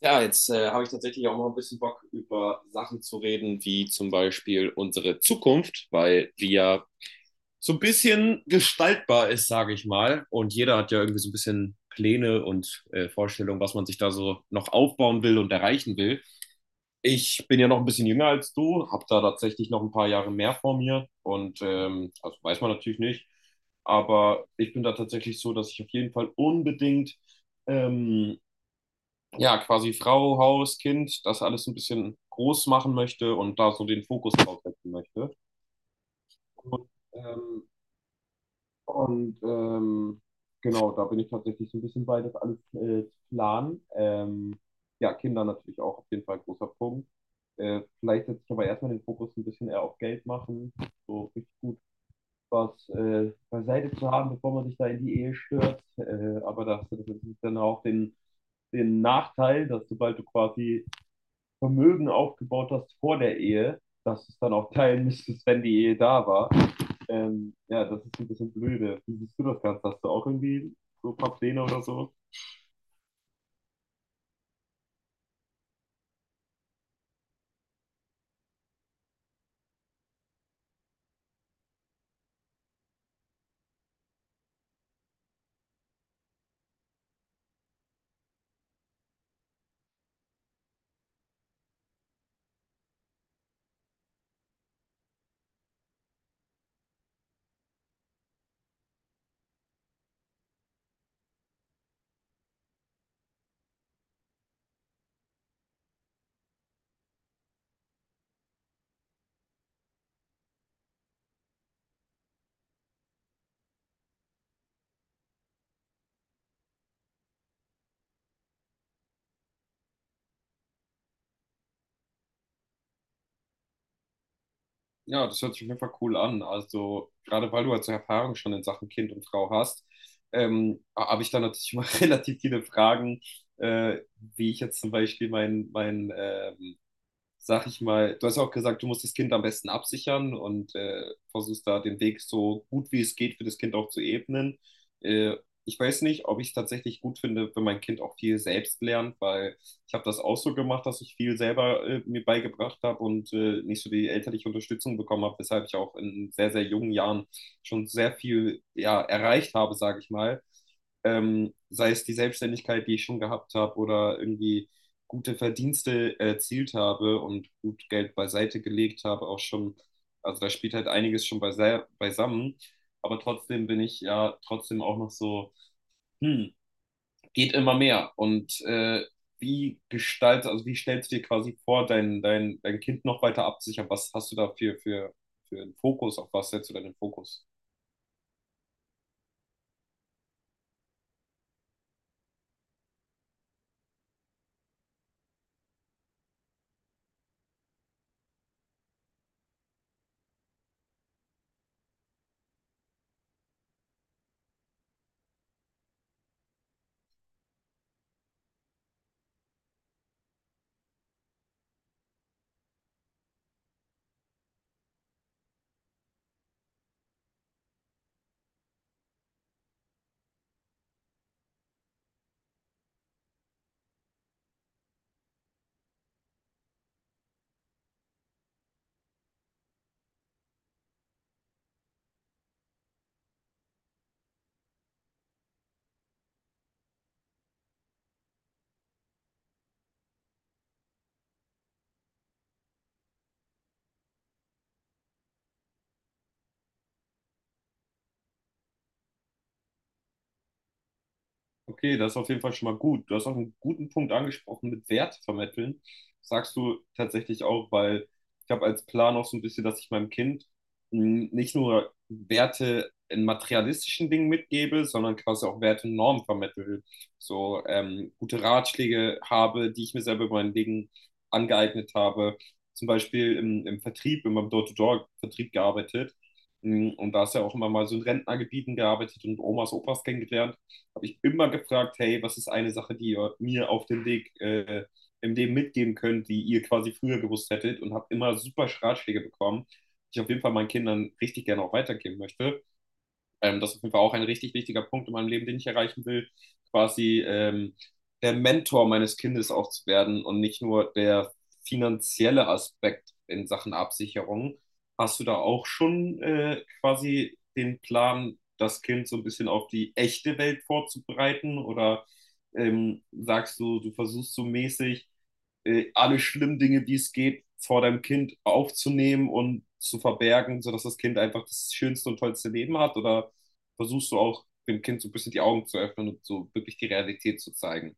Ja, jetzt habe ich tatsächlich auch mal ein bisschen Bock, über Sachen zu reden, wie zum Beispiel unsere Zukunft, weil die ja so ein bisschen gestaltbar ist, sage ich mal. Und jeder hat ja irgendwie so ein bisschen Pläne und Vorstellungen, was man sich da so noch aufbauen will und erreichen will. Ich bin ja noch ein bisschen jünger als du, habe da tatsächlich noch ein paar Jahre mehr vor mir und also weiß man natürlich nicht. Aber ich bin da tatsächlich so, dass ich auf jeden Fall unbedingt ähm, ja, quasi Frau, Haus, Kind, das alles ein bisschen groß machen möchte und da so den Fokus drauf setzen möchte. Und, ähm, und ähm, genau, da bin ich tatsächlich so ein bisschen bei, das alles zu planen. Ja, Kinder natürlich auch auf jeden Fall ein großer Punkt. Vielleicht setze ich aber erstmal den Fokus ein bisschen eher auf Geld machen, so richtig gut was beiseite zu haben, bevor man sich da in die Ehe stürzt. Aber das hast du dann auch den Nachteil, dass sobald du quasi Vermögen aufgebaut hast vor der Ehe, dass es dann auch teilen müsstest, wenn die Ehe da war. Ja, das ist ein bisschen blöde. Wie siehst du das Ganze? Hast du auch irgendwie so ein paar Pläne oder so? Ja, das hört sich auf jeden Fall cool an. Also, gerade weil du also Erfahrung schon in Sachen Kind und Frau hast, habe ich da natürlich immer relativ viele Fragen, äh, wie ich jetzt zum Beispiel mein sag ich mal, du hast ja auch gesagt, du musst das Kind am besten absichern und versuchst da den Weg so gut wie es geht für das Kind auch zu ebnen. Äh, Ich weiß nicht, ob ich es tatsächlich gut finde, wenn mein Kind auch viel selbst lernt, weil ich habe das auch so gemacht, dass ich viel selber mir beigebracht habe und nicht so die elterliche Unterstützung bekommen habe, weshalb ich auch in sehr, sehr jungen Jahren schon sehr viel ja, erreicht habe, sage ich mal. Sei es die Selbstständigkeit, die ich schon gehabt habe oder irgendwie gute Verdienste erzielt habe und gut Geld beiseite gelegt habe, auch schon, also da spielt halt einiges schon beisammen, aber trotzdem bin ich ja trotzdem auch noch so, hm, geht immer mehr und also wie stellst du dir quasi vor, dein Kind noch weiter abzusichern? Was hast du da für einen Fokus? Auf was setzt du deinen Fokus? Okay, das ist auf jeden Fall schon mal gut. Du hast auch einen guten Punkt angesprochen mit Wert vermitteln. Sagst du tatsächlich auch, weil ich habe als Plan auch so ein bisschen, dass ich meinem Kind mh, nicht nur Werte in materialistischen Dingen mitgebe, sondern quasi auch Werte und Normen vermittle. So gute Ratschläge habe, die ich mir selber über mein Leben angeeignet habe. Zum Beispiel im Vertrieb, in meinem Door-to-Door-Vertrieb gearbeitet. Mh, und da ist ja auch immer mal so in Rentnergebieten gearbeitet und Omas, Opas kennengelernt habe ich immer gefragt, hey, was ist eine Sache, die ihr mir auf dem Weg im Leben mitgeben könnt, die ihr quasi früher gewusst hättet und habe immer super Ratschläge bekommen, die ich auf jeden Fall meinen Kindern richtig gerne auch weitergeben möchte. Das ist auf jeden Fall auch ein richtig wichtiger Punkt in meinem Leben, den ich erreichen will, quasi der Mentor meines Kindes auch zu werden und nicht nur der finanzielle Aspekt in Sachen Absicherung. Hast du da auch schon quasi den Plan, das Kind so ein bisschen auf die echte Welt vorzubereiten? Oder sagst du, du versuchst so mäßig alle schlimmen Dinge, die es geht, vor deinem Kind aufzunehmen und zu verbergen, sodass das Kind einfach das schönste und tollste Leben hat? Oder versuchst du auch dem Kind so ein bisschen die Augen zu öffnen und so wirklich die Realität zu zeigen.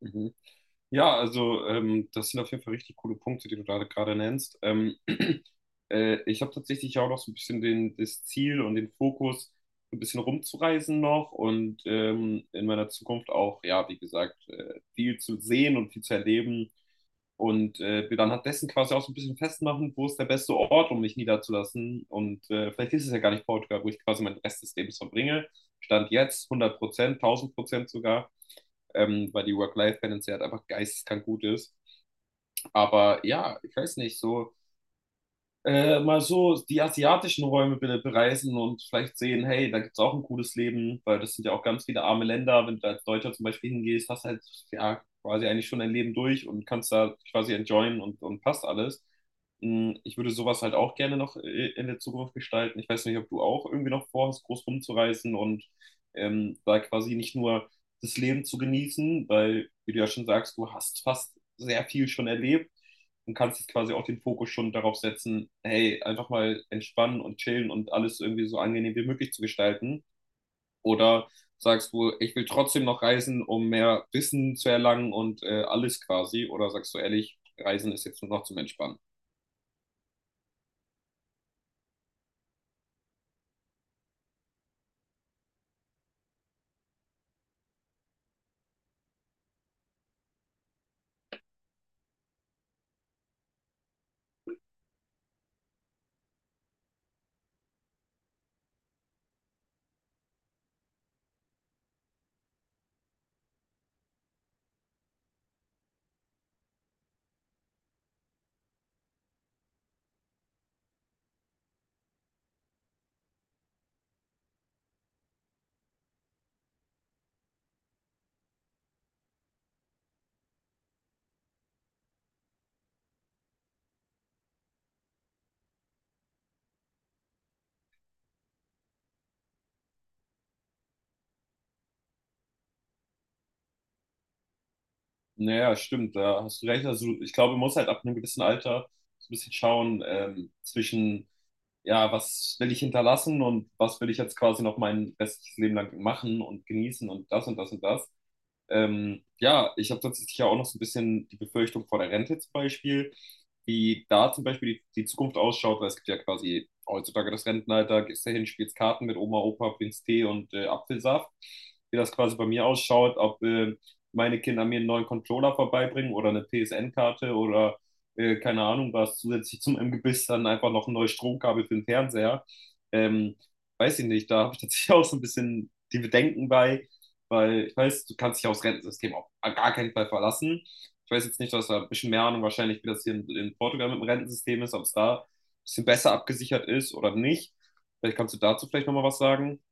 Mhm. Ja, also das sind auf jeden Fall richtig coole Punkte, die du da gerade nennst. Ich habe tatsächlich auch noch so ein bisschen das Ziel und den Fokus, so ein bisschen rumzureisen noch und in meiner Zukunft auch, ja, wie gesagt, viel zu sehen und viel zu erleben. Und wir dann hat dessen quasi auch so ein bisschen festmachen, wo ist der beste Ort, um mich niederzulassen. Und vielleicht ist es ja gar nicht Portugal, wo ich quasi meinen Rest des Lebens verbringe. Stand jetzt 100%, 1000% sogar, weil die Work-Life-Balance ja halt einfach geisteskrank gut ist. Aber ja, ich weiß nicht, so mal so die asiatischen Räume bitte bereisen und vielleicht sehen, hey, da gibt es auch ein cooles Leben, weil das sind ja auch ganz viele arme Länder. Wenn du als Deutscher zum Beispiel hingehst, hast halt ja quasi eigentlich schon dein Leben durch und kannst da quasi enjoyen und passt alles. Mm, ich würde sowas halt auch gerne noch in der Zukunft gestalten. Ich weiß nicht, ob du auch irgendwie noch vorhast, groß rumzureisen und da quasi nicht nur das Leben zu genießen, weil, wie du ja schon sagst, du hast fast sehr viel schon erlebt und kannst jetzt quasi auch den Fokus schon darauf setzen, hey, einfach mal entspannen und chillen und alles irgendwie so angenehm wie möglich zu gestalten. Oder sagst du, ich will trotzdem noch reisen, um mehr Wissen zu erlangen und alles quasi? Oder sagst du ehrlich, Reisen ist jetzt nur noch zum Entspannen? Naja, stimmt, da hast du recht. Also ich glaube, man muss halt ab einem gewissen Alter so ein bisschen schauen zwischen, ja, was will ich hinterlassen und was will ich jetzt quasi noch mein restliches Leben lang machen und genießen und das und das und das. Ja, ich habe tatsächlich ja auch noch so ein bisschen die Befürchtung vor der Rente zum Beispiel, wie da zum Beispiel die Zukunft ausschaut, weil es gibt ja quasi heutzutage das Rentenalter, gehst dahin, spielst Karten mit Oma, Opa, trinkst Tee und Apfelsaft. Wie das quasi bei mir ausschaut, ob meine Kinder mir einen neuen Controller vorbeibringen oder eine PSN-Karte oder keine Ahnung was, zusätzlich zum Imbiss dann einfach noch ein neues Stromkabel für den Fernseher. Ähm, Weiß ich nicht, da habe ich tatsächlich auch so ein bisschen die Bedenken bei, weil ich weiß, du kannst dich aufs Rentensystem auf gar keinen Fall verlassen. Ich weiß jetzt nicht, dass da ein bisschen mehr Ahnung wahrscheinlich, wie das hier in Portugal mit dem Rentensystem ist, ob es da ein bisschen besser abgesichert ist oder nicht. Vielleicht kannst du dazu vielleicht nochmal was sagen.